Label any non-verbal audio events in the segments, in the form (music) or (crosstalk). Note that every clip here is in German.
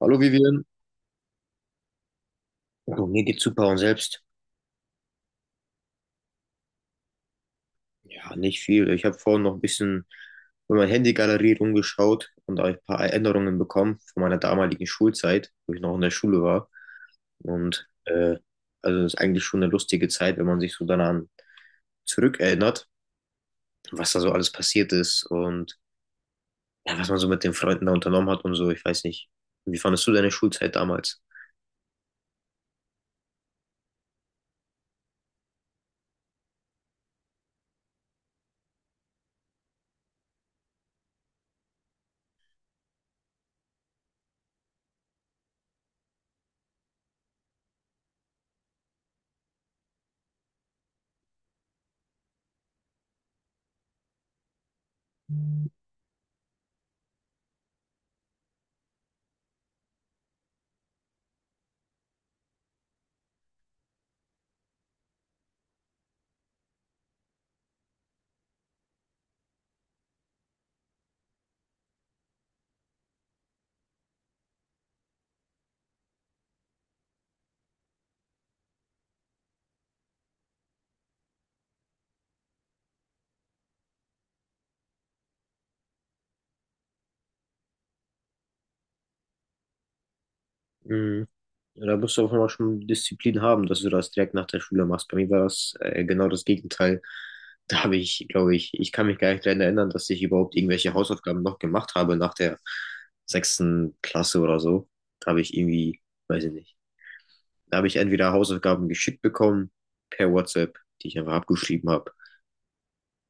Hallo Vivian. Du, mir geht's super und selbst? Ja, nicht viel. Ich habe vorhin noch ein bisschen in meiner Handy-Galerie rumgeschaut und da hab ich ein paar Erinnerungen bekommen von meiner damaligen Schulzeit, wo ich noch in der Schule war. Und äh, also das ist eigentlich schon eine lustige Zeit, wenn man sich so daran zurückerinnert, was da so alles passiert ist und ja, was man so mit den Freunden da unternommen hat und so. Ich weiß nicht. Wie fandest du deine Schulzeit damals? Mhm. Ja, da musst du auch immer schon Disziplin haben, dass du das direkt nach der Schule machst. Bei mir war das genau das Gegenteil. Da habe ich, glaube ich, ich kann mich gar nicht daran erinnern, dass ich überhaupt irgendwelche Hausaufgaben noch gemacht habe nach der sechsten Klasse oder so. Da habe ich irgendwie, weiß ich nicht, da habe ich entweder Hausaufgaben geschickt bekommen per WhatsApp, die ich einfach abgeschrieben habe.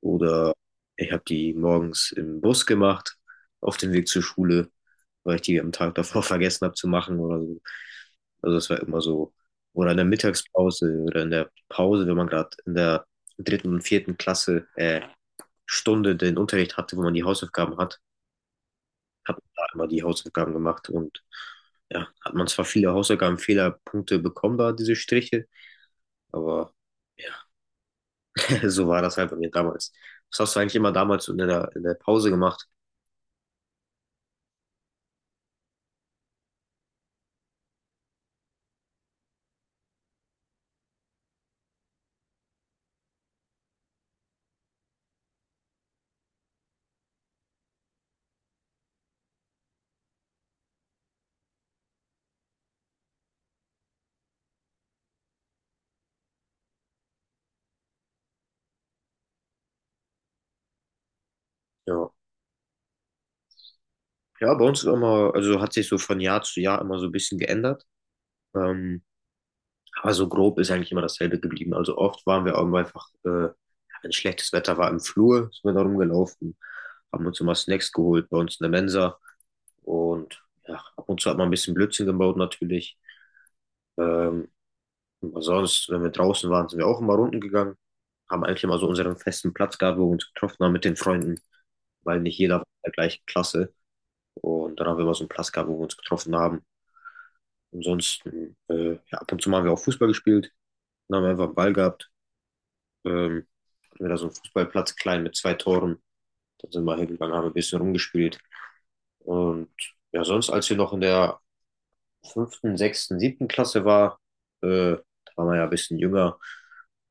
Oder ich habe die morgens im Bus gemacht, auf dem Weg zur Schule, weil ich die am Tag davor (laughs) vergessen habe zu machen oder so. Also das war immer so. Oder in der Mittagspause oder in der Pause, wenn man gerade in der dritten und vierten Klasse Stunde den Unterricht hatte, wo man die Hausaufgaben hat, hat man da immer die Hausaufgaben gemacht und ja, hat man zwar viele Hausaufgaben, Fehlerpunkte bekommen da, diese Striche, aber ja, so war das halt bei mir damals. Was hast du eigentlich immer damals so in der Pause gemacht? Ja. Ja, bei uns ist immer, also hat sich so von Jahr zu Jahr immer so ein bisschen geändert. Ähm, aber so grob ist eigentlich immer dasselbe geblieben. Also oft waren wir auch immer einfach, wenn schlechtes Wetter war im Flur, sind wir da rumgelaufen, haben uns immer Snacks geholt bei uns in der Mensa und ja, ab und zu hat man ein bisschen Blödsinn gebaut natürlich. Ähm, Aber sonst, wenn wir draußen waren, sind wir auch immer runden gegangen. Haben eigentlich immer so unseren festen Platz gehabt, wo wir uns getroffen haben mit den Freunden, weil nicht jeder war in der gleichen Klasse. Und dann haben wir immer so einen Platz gehabt, wo wir uns getroffen haben. Ansonsten, ja, ab und zu mal haben wir auch Fußball gespielt. Dann haben wir einfach einen Ball gehabt. Ähm, Hatten wir da so einen Fußballplatz klein mit zwei Toren. Dann sind wir hingegangen, haben ein bisschen rumgespielt. Und ja, sonst, als wir noch in der fünften, sechsten, siebten Klasse war, da waren wir ja ein bisschen jünger,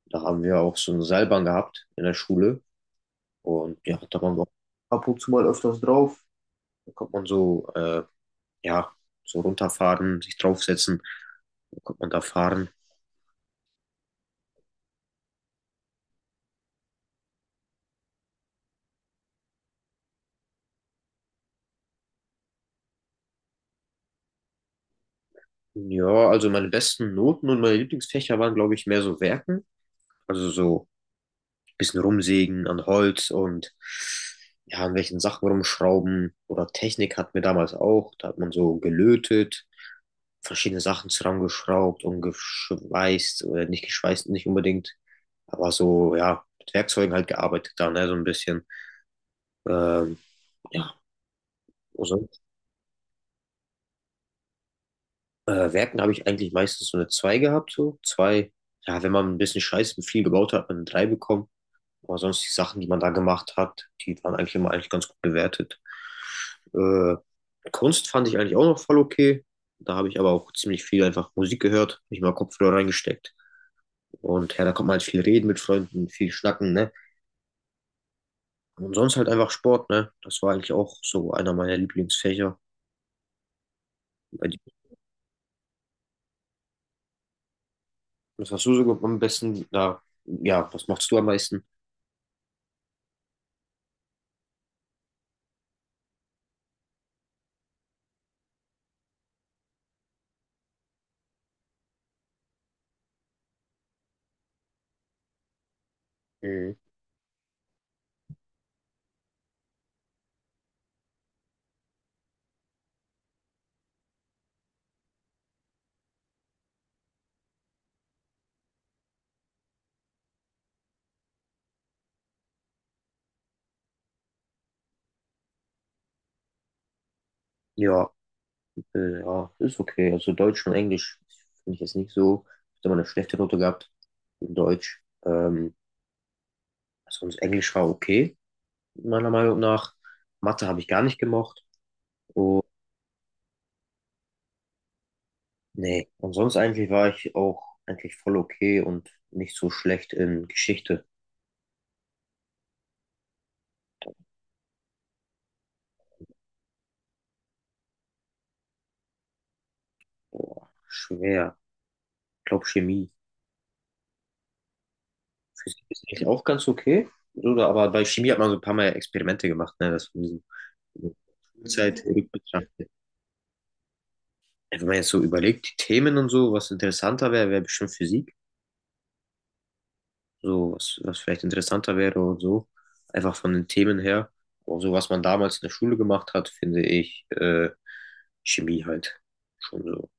da haben wir auch so eine Seilbahn gehabt in der Schule. Und ja, da waren wir auch ab und zu mal öfters drauf. Da konnte man so, ja, so runterfahren, sich draufsetzen. Da konnte man da fahren. Ja, also meine besten Noten und meine Lieblingsfächer waren, glaube ich, mehr so Werken. Also so ein bisschen rumsägen an Holz und ja, an welchen Sachen rumschrauben. Oder Technik hatten wir damals auch. Da hat man so gelötet, verschiedene Sachen zusammengeschraubt und geschweißt, oder nicht geschweißt, nicht unbedingt, aber so, ja, mit Werkzeugen halt gearbeitet da, ne, so ein bisschen. Ähm, ja, also Werken habe ich eigentlich meistens so eine 2 gehabt, so zwei. Ja, wenn man ein bisschen Scheiß und viel gebaut hat, hat man eine 3 bekommen. Aber sonst die Sachen, die man da gemacht hat, die waren eigentlich immer eigentlich ganz gut bewertet. Äh, Kunst fand ich eigentlich auch noch voll okay. Da habe ich aber auch ziemlich viel einfach Musik gehört, nicht mal Kopfhörer reingesteckt. Und ja, da konnte man halt viel reden mit Freunden, viel schnacken, ne? Und sonst halt einfach Sport, ne? Das war eigentlich auch so einer meiner Lieblingsfächer. Bei dir, was hast du so am besten? Na, ja, was machst du am meisten? Mhm. Ja, ja, ist okay. Also Deutsch und Englisch finde ich jetzt nicht so. Ich habe immer eine schlechte Note gehabt in Deutsch. Sonst Englisch war okay, meiner Meinung nach. Mathe habe ich gar nicht gemocht. Nee, und sonst eigentlich war ich auch eigentlich voll okay und nicht so schlecht in Geschichte. Boah, schwer. Ich glaube Chemie. Physik ist eigentlich auch ganz okay. Oder, aber bei Chemie hat man so ein paar Mal Experimente gemacht, ne? Das von diesem Schulzeit rückbetrachtet. Wenn man jetzt so überlegt, die Themen und so, was interessanter wäre, wäre bestimmt Physik. So, was vielleicht interessanter wäre und so. Einfach von den Themen her. Aber so, was man damals in der Schule gemacht hat, finde ich Chemie halt schon so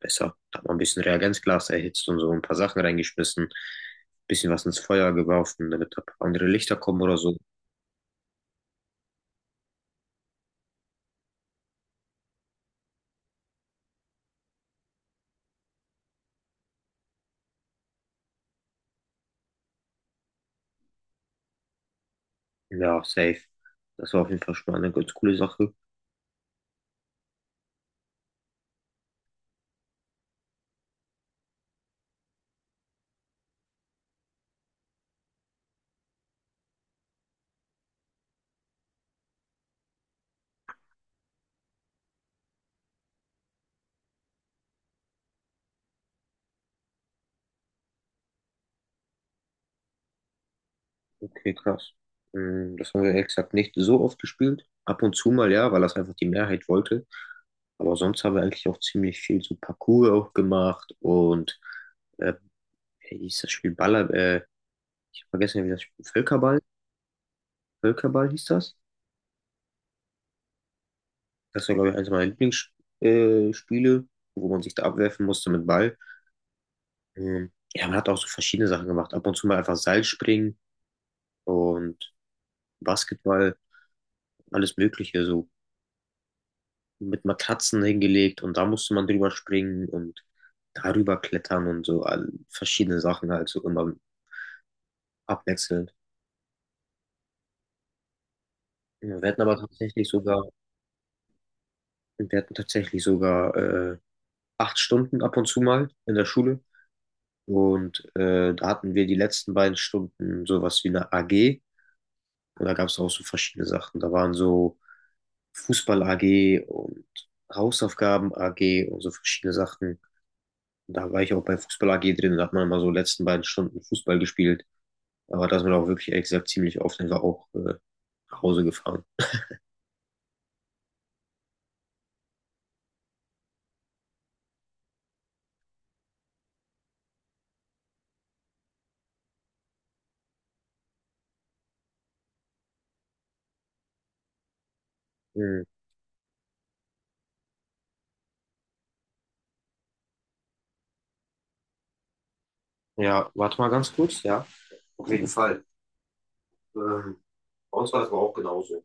besser. Da hat man ein bisschen Reagenzglas erhitzt und so ein paar Sachen reingeschmissen, bisschen was ins Feuer geworfen, damit da andere Lichter kommen oder so. Ja, safe. Das war auf jeden Fall schon mal eine ganz coole Sache. Okay, krass. Mm, das haben wir ehrlich gesagt nicht so oft gespielt. Ab und zu mal, ja, weil das einfach die Mehrheit wollte. Aber sonst haben wir eigentlich auch ziemlich viel so Parkour auch gemacht und äh, wie hieß das Spiel Baller, ich hab vergessen, wie das Spiel, Völkerball, Völkerball hieß das. Das war, glaube ich, eines meiner Lieblingsspiele, wo man sich da abwerfen musste mit Ball. Ja, man hat auch so verschiedene Sachen gemacht. Ab und zu mal einfach Seilspringen und Basketball, alles Mögliche, so mit Matratzen hingelegt und da musste man drüber springen und darüber klettern und so all, verschiedene Sachen halt so immer abwechselnd. Ja, wir hatten tatsächlich sogar acht Stunden ab und zu mal in der Schule. Und da hatten wir die letzten beiden Stunden sowas wie eine AG. Und da gab es auch so verschiedene Sachen. Da waren so Fußball-AG und Hausaufgaben-AG und so verschiedene Sachen. Und da war ich auch bei Fußball-AG drin. Da hat man immer so letzten beiden Stunden Fußball gespielt. Aber da ist man auch wirklich, ehrlich gesagt, ziemlich oft einfach auch nach Hause gefahren. Mhm. Ja, warte mal ganz kurz. Ja, auf jeden Fall. Ähm, Bei uns war das aber auch genauso.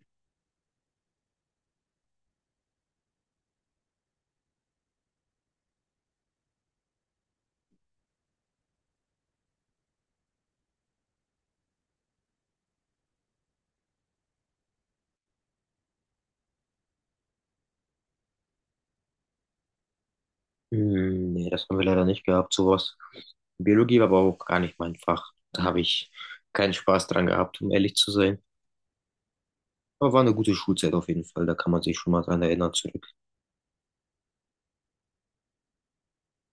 Hm, nee, das haben wir leider nicht gehabt, sowas. Biologie war aber auch gar nicht mein Fach. Da habe ich keinen Spaß dran gehabt, um ehrlich zu sein. Aber war eine gute Schulzeit auf jeden Fall, da kann man sich schon mal dran erinnern zurück.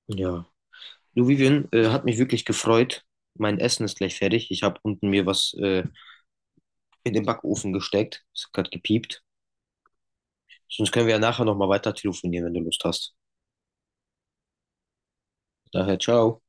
Ja. Du, Vivian, hat mich wirklich gefreut. Mein Essen ist gleich fertig. Ich habe unten mir was in den Backofen gesteckt. Es hat gerade gepiept. Sonst können wir ja nachher nochmal weiter telefonieren, wenn du Lust hast. Daher, ciao.